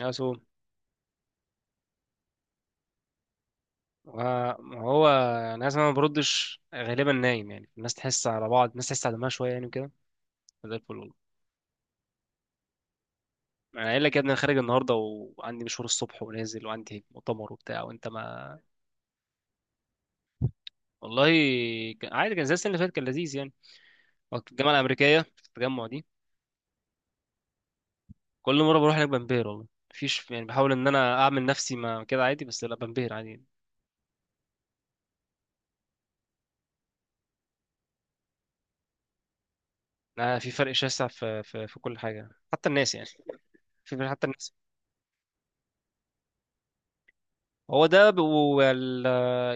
يا سو، وهو يعني عايز، انا ما بردش غالبا نايم يعني. الناس تحس على بعض، الناس تحس على دمها شويه يعني وكده. زي الفل والله. انا قايل لك يا ابني، انا خارج النهارده وعندي مشوار الصبح ونازل وعندي مؤتمر وبتاع، وانت ما... والله، عادي كان زي السنه اللي فاتت، كان لذيذ يعني، وقت الجامعه الامريكيه في التجمع دي. كل مره بروح هناك بنبهر والله. مفيش يعني، بحاول ان انا اعمل نفسي ما كده عادي، بس لا، بنبهر عادي يعني. أنا في فرق شاسع، في كل حاجه، حتى الناس يعني. في فرق حتى الناس. هو ده.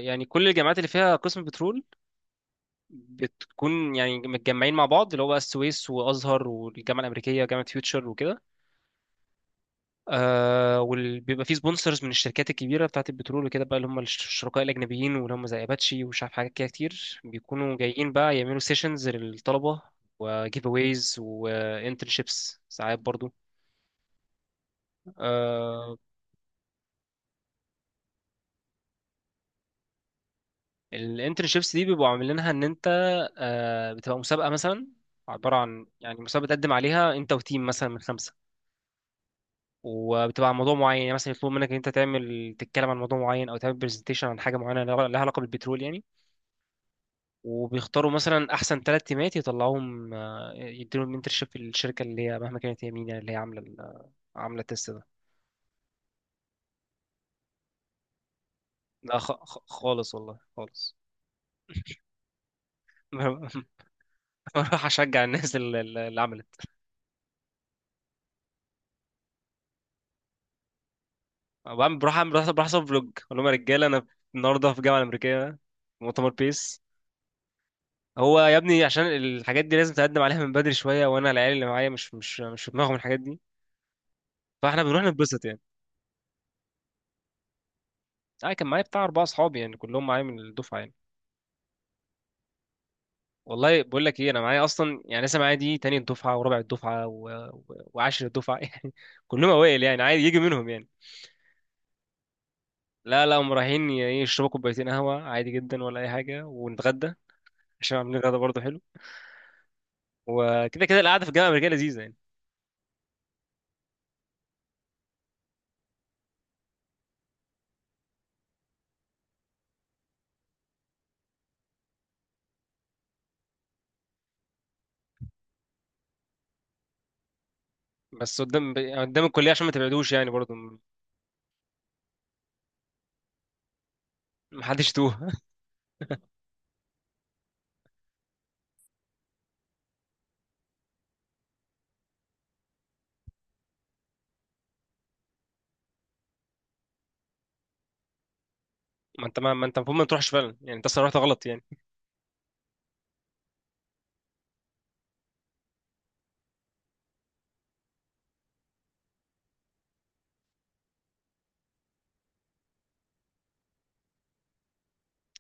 يعني كل الجامعات اللي فيها قسم بترول بتكون يعني متجمعين مع بعض، اللي هو بقى السويس وازهر والجامعه الامريكيه وجامعه فيوتشر وكده. آه وبيبقى فيه سبونسرز من الشركات الكبيره بتاعه البترول وكده بقى، اللي هم الشركاء الاجنبيين، واللي هم زي اباتشي ومش عارف حاجات كده كتير، بيكونوا جايين بقى يعملوا سيشنز للطلبه وجيف اويز وانترنشيبس ساعات برضو. آه، الانترنشيبس دي بيبقوا عاملينها ان انت، بتبقى مسابقه مثلا، عباره عن يعني مسابقه بتقدم عليها انت وتيم مثلا من خمسه. وبتبقى عن موضوع معين يعني، مثلا يطلب منك ان انت تعمل، تتكلم عن موضوع معين او تعمل برزنتيشن عن حاجه معينه لها علاقه بالبترول يعني. وبيختاروا مثلا احسن ثلاث تيمات يطلعوهم، يديلهم انترشيب في الشركه اللي هي مهما كانت، هي مين يعني، اللي هي عامله التست ده. لا، خالص والله، خالص. بروح اشجع الناس اللي عملت. بعمل بروح اعمل بروح بروح اصور فلوج، اقول لهم يا رجاله، انا النهارده في الجامعه الامريكيه، مؤتمر بيس. هو يا ابني عشان الحاجات دي لازم تقدم عليها من بدري شويه، وانا العيال اللي معايا مش في دماغهم الحاجات دي، فاحنا بنروح نتبسط يعني. انا كان معايا بتاع اربعه اصحابي يعني، كلهم معايا من الدفعه يعني. والله بقول لك ايه، انا معايا اصلا يعني لسه معايا دي تاني الدفعه، ورابع الدفعه، و... وعاشر الدفعه يعني، كلهم اوائل يعني، عادي يجي منهم يعني. لا لا، هم رايحين يشربوا كوبايتين قهوه عادي جدا ولا اي حاجه ونتغدى، عشان عاملين غدا برضه حلو. وكده كده القعده في الجامعه الامريكيه لذيذه يعني، بس قدام الكليه عشان ما تبعدوش يعني برضه، ما حدش يتوه. ما انت ما ما انت المفروض ما تروحش فعلا يعني، انت اصلا رحت غلط يعني.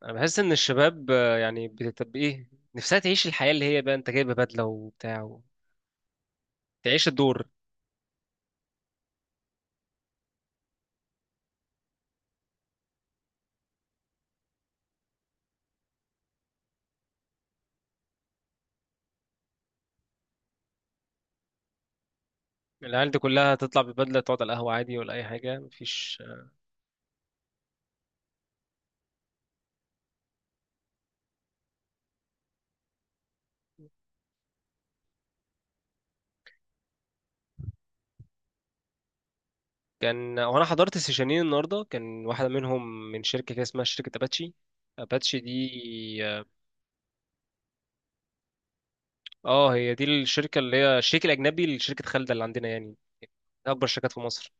انا بحس ان الشباب يعني بتبقى ايه، نفسها تعيش الحياه اللي هي بقى، انت جايبه بدله وبتاع، تعيش الدور. العيال دي كلها تطلع ببدله، تقعد على القهوه عادي ولا اي حاجه، مفيش. وانا حضرت سيشنين النهارده، كان واحده منهم من شركه كده اسمها شركه اباتشي. اباتشي دي، اه. هي دي الشركه اللي هي الشريك الاجنبي لشركه خالده اللي عندنا يعني، اكبر شركات في مصر.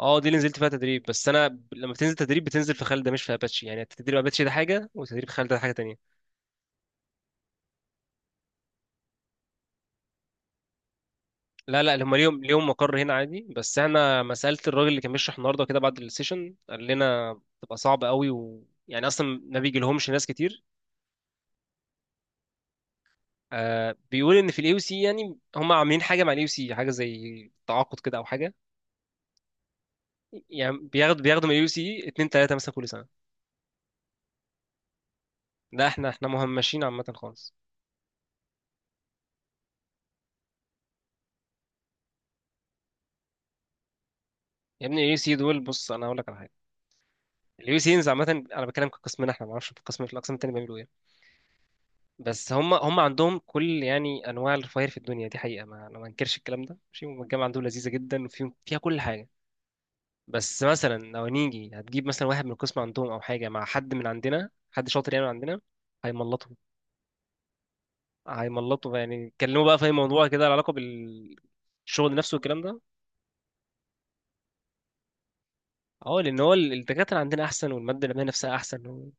اه دي اللي نزلت فيها تدريب، بس انا لما بتنزل تدريب بتنزل في خالد ده، مش في اباتشي، يعني تدريب اباتشي ده حاجه وتدريب خالد ده حاجه تانية. لا لا، هم ليهم مقر هنا عادي. بس احنا ما سالت الراجل اللي كان بيشرح النهارده كده بعد السيشن، قال لنا تبقى صعبه قوي، يعني اصلا ما بيجي لهمش ناس كتير. آه بيقول ان في الاي سي، يعني هم عاملين حاجه مع الاي سي، حاجه زي تعاقد كده او حاجه. يعني بياخدوا من الاي سي اتنين تلاته مثلا كل سنه. لا احنا مهمشين عامه خالص. يا ابني الاي سي دول، بص انا هقول لك على حاجه، اليو سي انز عامة، انا بتكلم كقسمنا احنا، ما اعرفش في الاقسام التانية بيعملوا ايه، بس هم عندهم كل يعني انواع الرفاهير في الدنيا دي حقيقة، ما انا ما انكرش الكلام ده، ماشي. هم الجامعة عندهم لذيذة جدا، فيها كل حاجة. بس مثلا لو نيجي هتجيب مثلا واحد من القسم عندهم او حاجة مع حد من عندنا، حد شاطر يعني من عندنا، هيملطوا هيملطوا يعني يتكلموا بقى في اي موضوع كده له علاقة بالشغل نفسه والكلام ده. اه لان هو الدكاترة عندنا احسن والمادة العلمية نفسها احسن.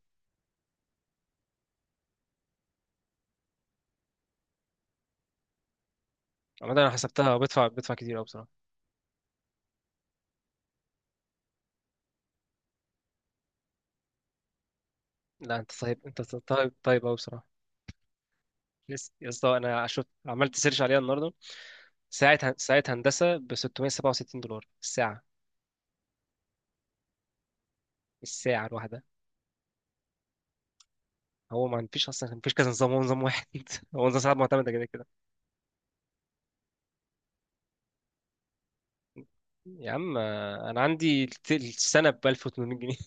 عامة انا حسبتها، بدفع كتير قوي بصراحة. لا انت طيب، انت طيب طيب قوي بصراحة. لسه يا اسطى، انا شفت عملت سيرش عليها النهارده. ساعة هندسة ب 667 دولار الساعة الواحدة. هو ما فيش أصلا، ما فيش كذا نظام، هو نظام واحد، هو نظام ساعات معتمدة كده كده. يا عم، أنا عندي السنة ب 1800 جنيه.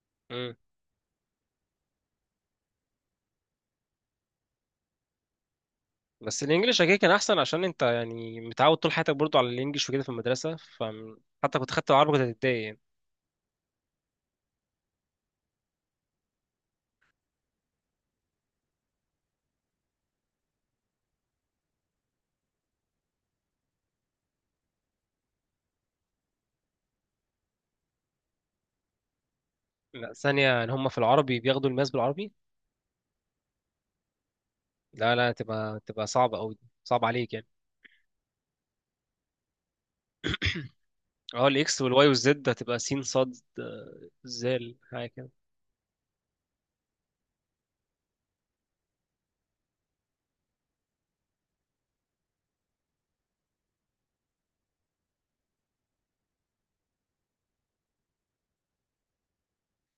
مم. بس الإنجليش أكيد كان أحسن، عشان أنت يعني متعود طول حياتك برضو على الإنجليش وكده في المدرسة، فحتى كنت خدت عربي كنت هتتضايق يعني. لا ثانية إن هما في العربي بياخدوا الماس بالعربي. لا لا، تبقى صعبة أوي، صعب عليك يعني. اه الاكس والواي والزد هتبقى سين صاد زال، حاجه كده.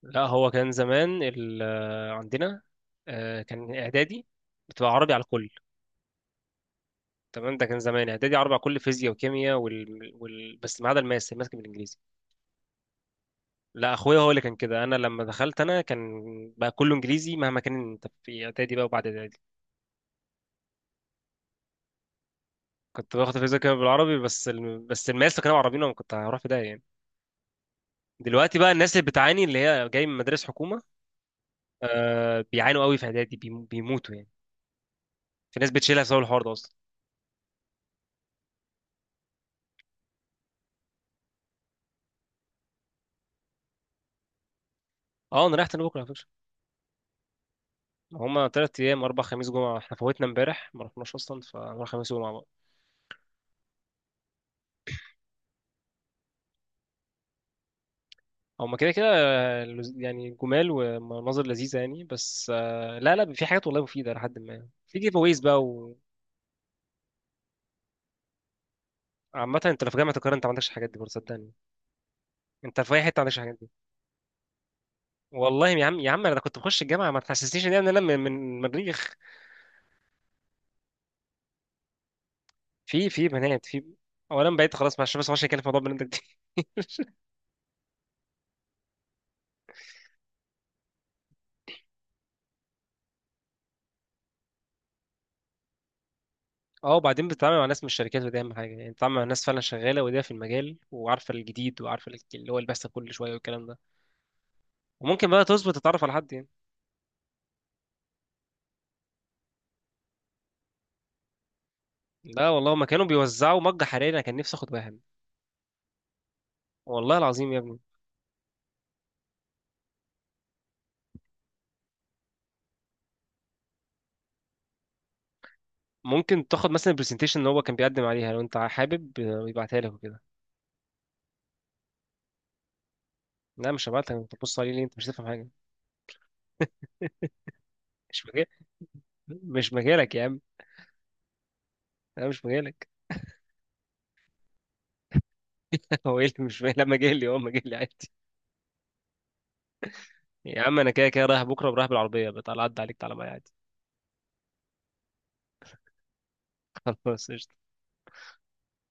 لا هو كان زمان عندنا، كان اعدادي بتبقى عربي على الكل. تمام، ده كان زمان اعدادي عربي على الكل، فيزياء وكيمياء بس ما عدا الماس، الماس كان بالانجليزي. لا اخويا هو اللي كان كده، انا لما دخلت انا كان بقى كله انجليزي مهما كان، انت في اعدادي بقى وبعد اعدادي كنت باخد فيزياء كيمياء بالعربي، بس الماس لو كانوا عربيين انا كنت هروح في ده يعني. دلوقتي بقى الناس اللي بتعاني اللي هي جاي من مدارس حكومه، آه بيعانوا قوي في اعدادي، بيموتوا يعني. في ناس بتشيلها بسبب الحوار ده اصلا. اه انا رايح تاني بكره على فكره، هما 3 أيام، اربع خميس جمعه. احنا فوتنا امبارح ما رحناش اصلا، فنروح خميس وجمعه بقى. هما كده كده، يعني جمال ومناظر لذيذه يعني. بس لا لا، في حاجات والله مفيده، لحد ما في جيف اويز بقى. عامة انت لو في جامعة القاهرة انت ما عندكش الحاجات دي برضه صدقني، انت في اي حتة ما عندكش الحاجات دي. والله يا عم يا عم، انا كنت بخش الجامعة ما تحسسنيش ان انا من مريخ. في بنات، في اولا بقيت خلاص معلش، بس ما عشان كان في موضوع بنات ده. اه وبعدين بتتعامل مع ناس من الشركات، ودي اهم حاجه يعني، بتتعامل مع ناس فعلا شغاله ودي في المجال، وعارفه الجديد وعارفه اللي هو اللي بيحصل كل شويه والكلام ده، وممكن بقى تظبط تتعرف على حد يعني. لا والله ما كانوا بيوزعوا مج حراري، انا كان نفسي اخد واحد والله العظيم يا ابني. ممكن تاخد مثلا البرزنتيشن اللي هو كان بيقدم عليها لو انت حابب، يبعتها لك وكده. لا مش هبعت لك، انت تبص عليه ليه، انت مش هتفهم حاجه. مش مجال مش مجالك يا عم، انا مش مجالك. هو ايه اللي مش مجالي؟ لا مجالي، هو مجالي عادي. يا عم انا كده كده رايح بكره ورايح بالعربيه، بتعالى عدى عليك تعالى معايا عادي. خلاص قشطة.